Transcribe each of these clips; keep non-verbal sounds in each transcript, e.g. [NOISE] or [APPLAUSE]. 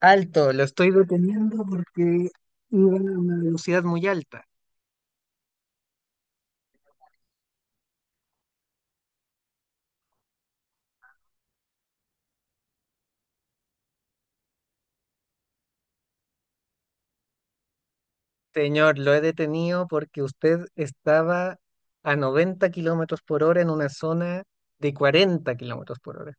Alto, lo estoy deteniendo porque iba a una velocidad muy alta. Señor, lo he detenido porque usted estaba a 90 km/h en una zona de 40 km/h.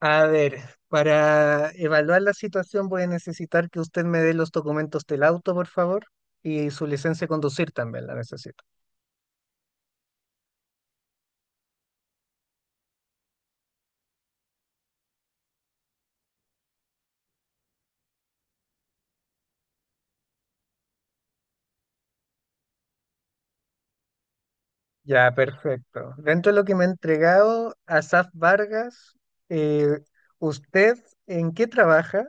A ver, para evaluar la situación voy a necesitar que usted me dé los documentos del auto, por favor, y su licencia de conducir también la necesito. Ya, perfecto. Dentro de lo que me ha entregado, Asaf Vargas, eh, ¿usted en qué trabaja?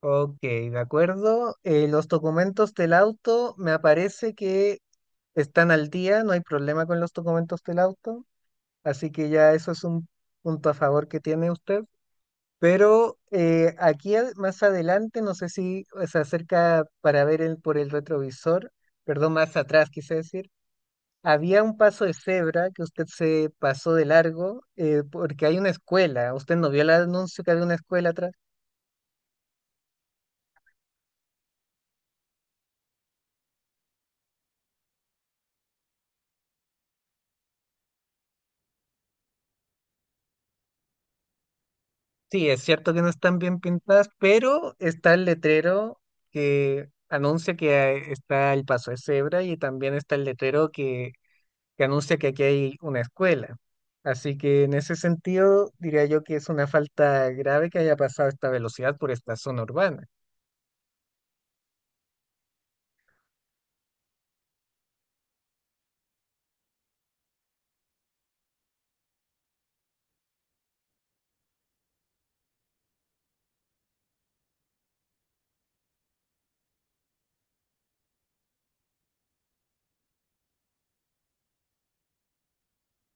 Ok, de acuerdo. Los documentos del auto, me aparece que están al día, no hay problema con los documentos del auto, así que ya eso es un punto a favor que tiene usted. Pero aquí más adelante, no sé si se acerca para por el retrovisor, perdón, más atrás quise decir, había un paso de cebra que usted se pasó de largo porque hay una escuela. ¿Usted no vio el anuncio que había una escuela atrás? Sí, es cierto que no están bien pintadas, pero está el letrero que está el paso de cebra y también está el letrero que anuncia que aquí hay una escuela. Así que en ese sentido diría yo que es una falta grave que haya pasado esta velocidad por esta zona urbana.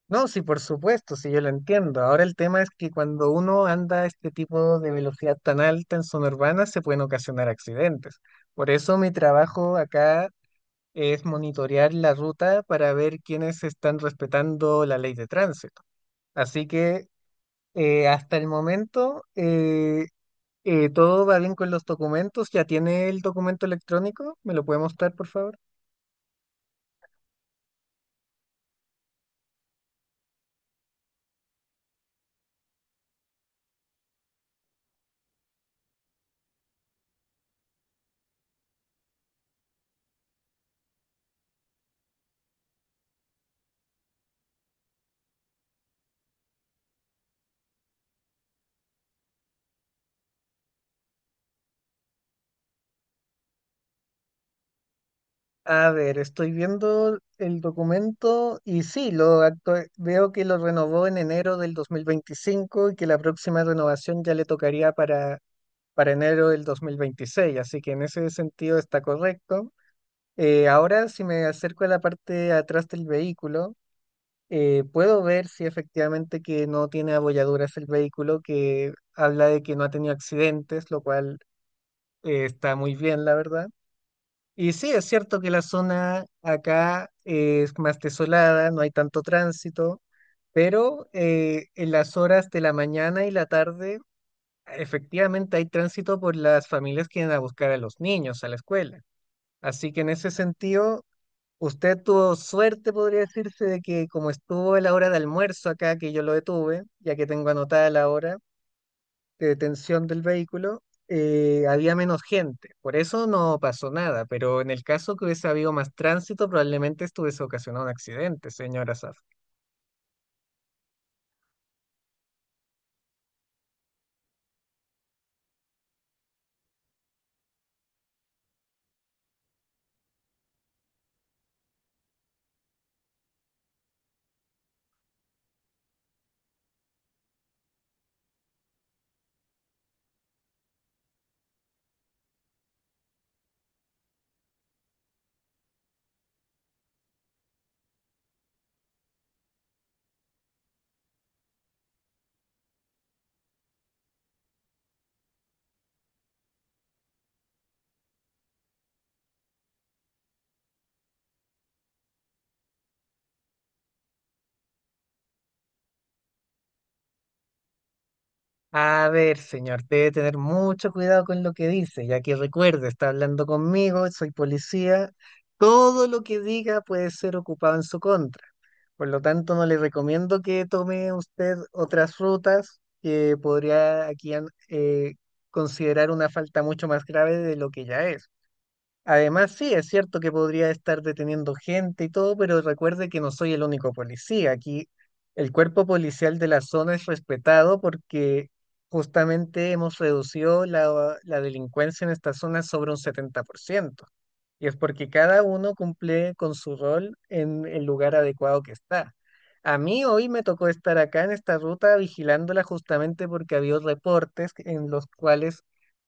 No, sí, por supuesto, sí, yo lo entiendo. Ahora el tema es que cuando uno anda a este tipo de velocidad tan alta en zona urbana se pueden ocasionar accidentes. Por eso mi trabajo acá es monitorear la ruta para ver quiénes están respetando la ley de tránsito. Así que hasta el momento todo va bien con los documentos. ¿Ya tiene el documento electrónico? ¿Me lo puede mostrar, por favor? A ver, estoy viendo el documento y sí, veo que lo renovó en enero del 2025 y que la próxima renovación ya le tocaría para enero del 2026. Así que en ese sentido está correcto. Ahora, si me acerco a la parte de atrás del vehículo, puedo ver si efectivamente que no tiene abolladuras el vehículo, que habla de que no ha tenido accidentes, lo cual está muy bien, la verdad. Y sí, es cierto que la zona acá es más desolada, no hay tanto tránsito, pero en las horas de la mañana y la tarde, efectivamente hay tránsito por las familias que van a buscar a los niños a la escuela. Así que en ese sentido usted tuvo suerte, podría decirse, de que como estuvo a la hora de almuerzo acá, que yo lo detuve, ya que tengo anotada la hora de detención del vehículo, había menos gente. Por eso no pasó nada, pero en el caso que hubiese habido más tránsito, probablemente esto hubiese ocasionado un accidente, señora Saf. A ver, señor, debe tener mucho cuidado con lo que dice, ya que recuerde, está hablando conmigo, soy policía. Todo lo que diga puede ser ocupado en su contra. Por lo tanto, no le recomiendo que tome usted otras rutas que podría considerar una falta mucho más grave de lo que ya es. Además, sí, es cierto que podría estar deteniendo gente y todo, pero recuerde que no soy el único policía. Aquí el cuerpo policial de la zona es respetado porque justamente hemos reducido la delincuencia en esta zona sobre un 70%. Y es porque cada uno cumple con su rol en el lugar adecuado que está. A mí hoy me tocó estar acá en esta ruta vigilándola justamente porque había reportes en los cuales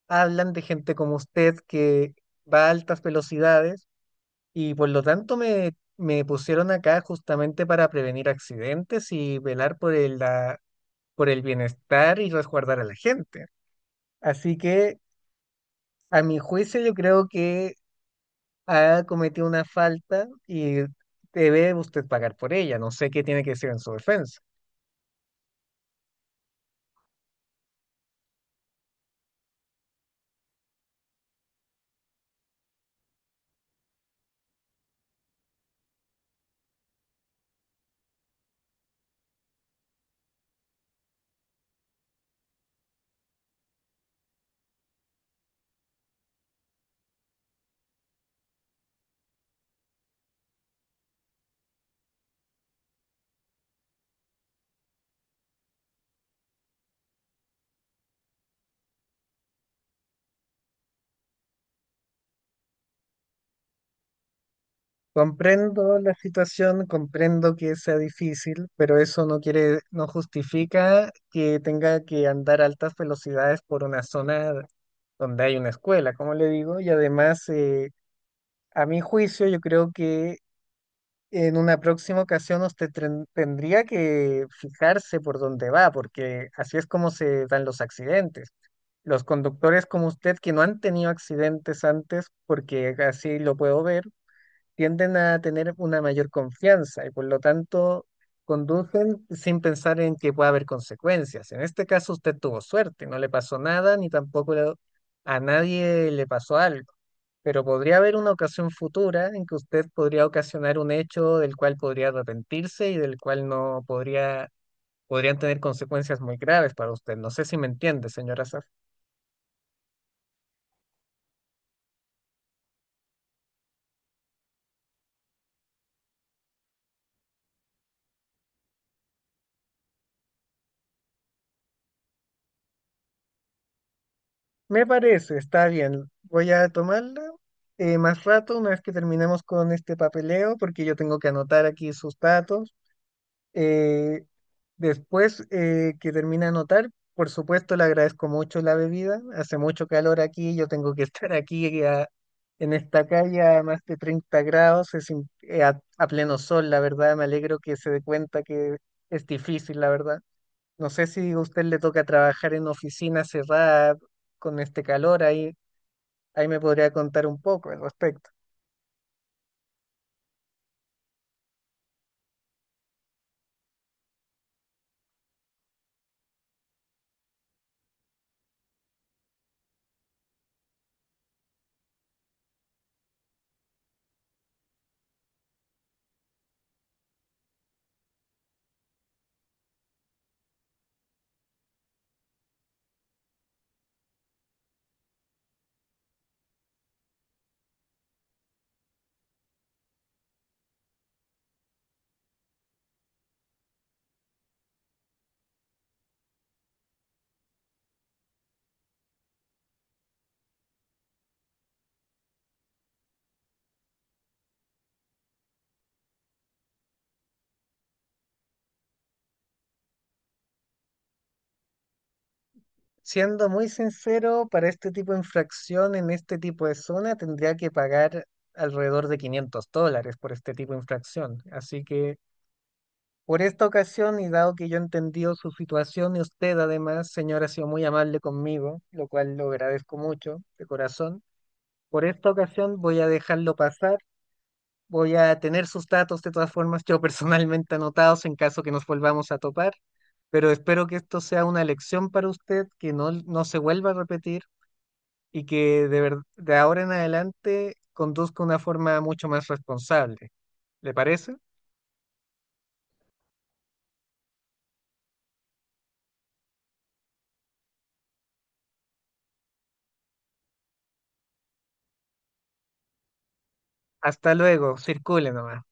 hablan de gente como usted que va a altas velocidades y por lo tanto me pusieron acá justamente para prevenir accidentes y velar por por el bienestar y resguardar a la gente. Así que a mi juicio yo creo que ha cometido una falta y debe usted pagar por ella. No sé qué tiene que decir en su defensa. Comprendo la situación, comprendo que sea difícil, pero eso no justifica que tenga que andar a altas velocidades por una zona donde hay una escuela, como le digo, y además, a mi juicio, yo creo que en una próxima ocasión tendría que fijarse por dónde va, porque así es como se dan los accidentes. Los conductores como usted que no han tenido accidentes antes, porque así lo puedo ver, tienden a tener una mayor confianza y por lo tanto conducen sin pensar en que pueda haber consecuencias. En este caso usted tuvo suerte, no le pasó nada ni tampoco le- a nadie le pasó algo, pero podría haber una ocasión futura en que usted podría ocasionar un hecho del cual podría arrepentirse y del cual no podría, podrían tener consecuencias muy graves para usted. No sé si me entiende, señora Saf. Me parece, está bien. Voy a tomarla más rato, una vez que terminemos con este papeleo, porque yo tengo que anotar aquí sus datos. Eh, Después que termine de anotar, por supuesto, le agradezco mucho la bebida. Hace mucho calor aquí, yo tengo que [LAUGHS] estar aquí en esta calle a más de 30 grados, a pleno sol, la verdad. Me alegro que se dé cuenta que es difícil, la verdad. No sé si a usted le toca trabajar en oficina cerrada con este calor, ahí me podría contar un poco al respecto. Siendo muy sincero, para este tipo de infracción en este tipo de zona tendría que pagar alrededor de $500 por este tipo de infracción. Así que por esta ocasión y dado que yo he entendido su situación y usted además, señora, ha sido muy amable conmigo, lo cual lo agradezco mucho de corazón, por esta ocasión voy a dejarlo pasar. Voy a tener sus datos de todas formas, yo personalmente anotados en caso que nos volvamos a topar, pero espero que esto sea una lección para usted, que no se vuelva a repetir y que de ahora en adelante conduzca una forma mucho más responsable. ¿Le parece? Hasta luego, circule nomás.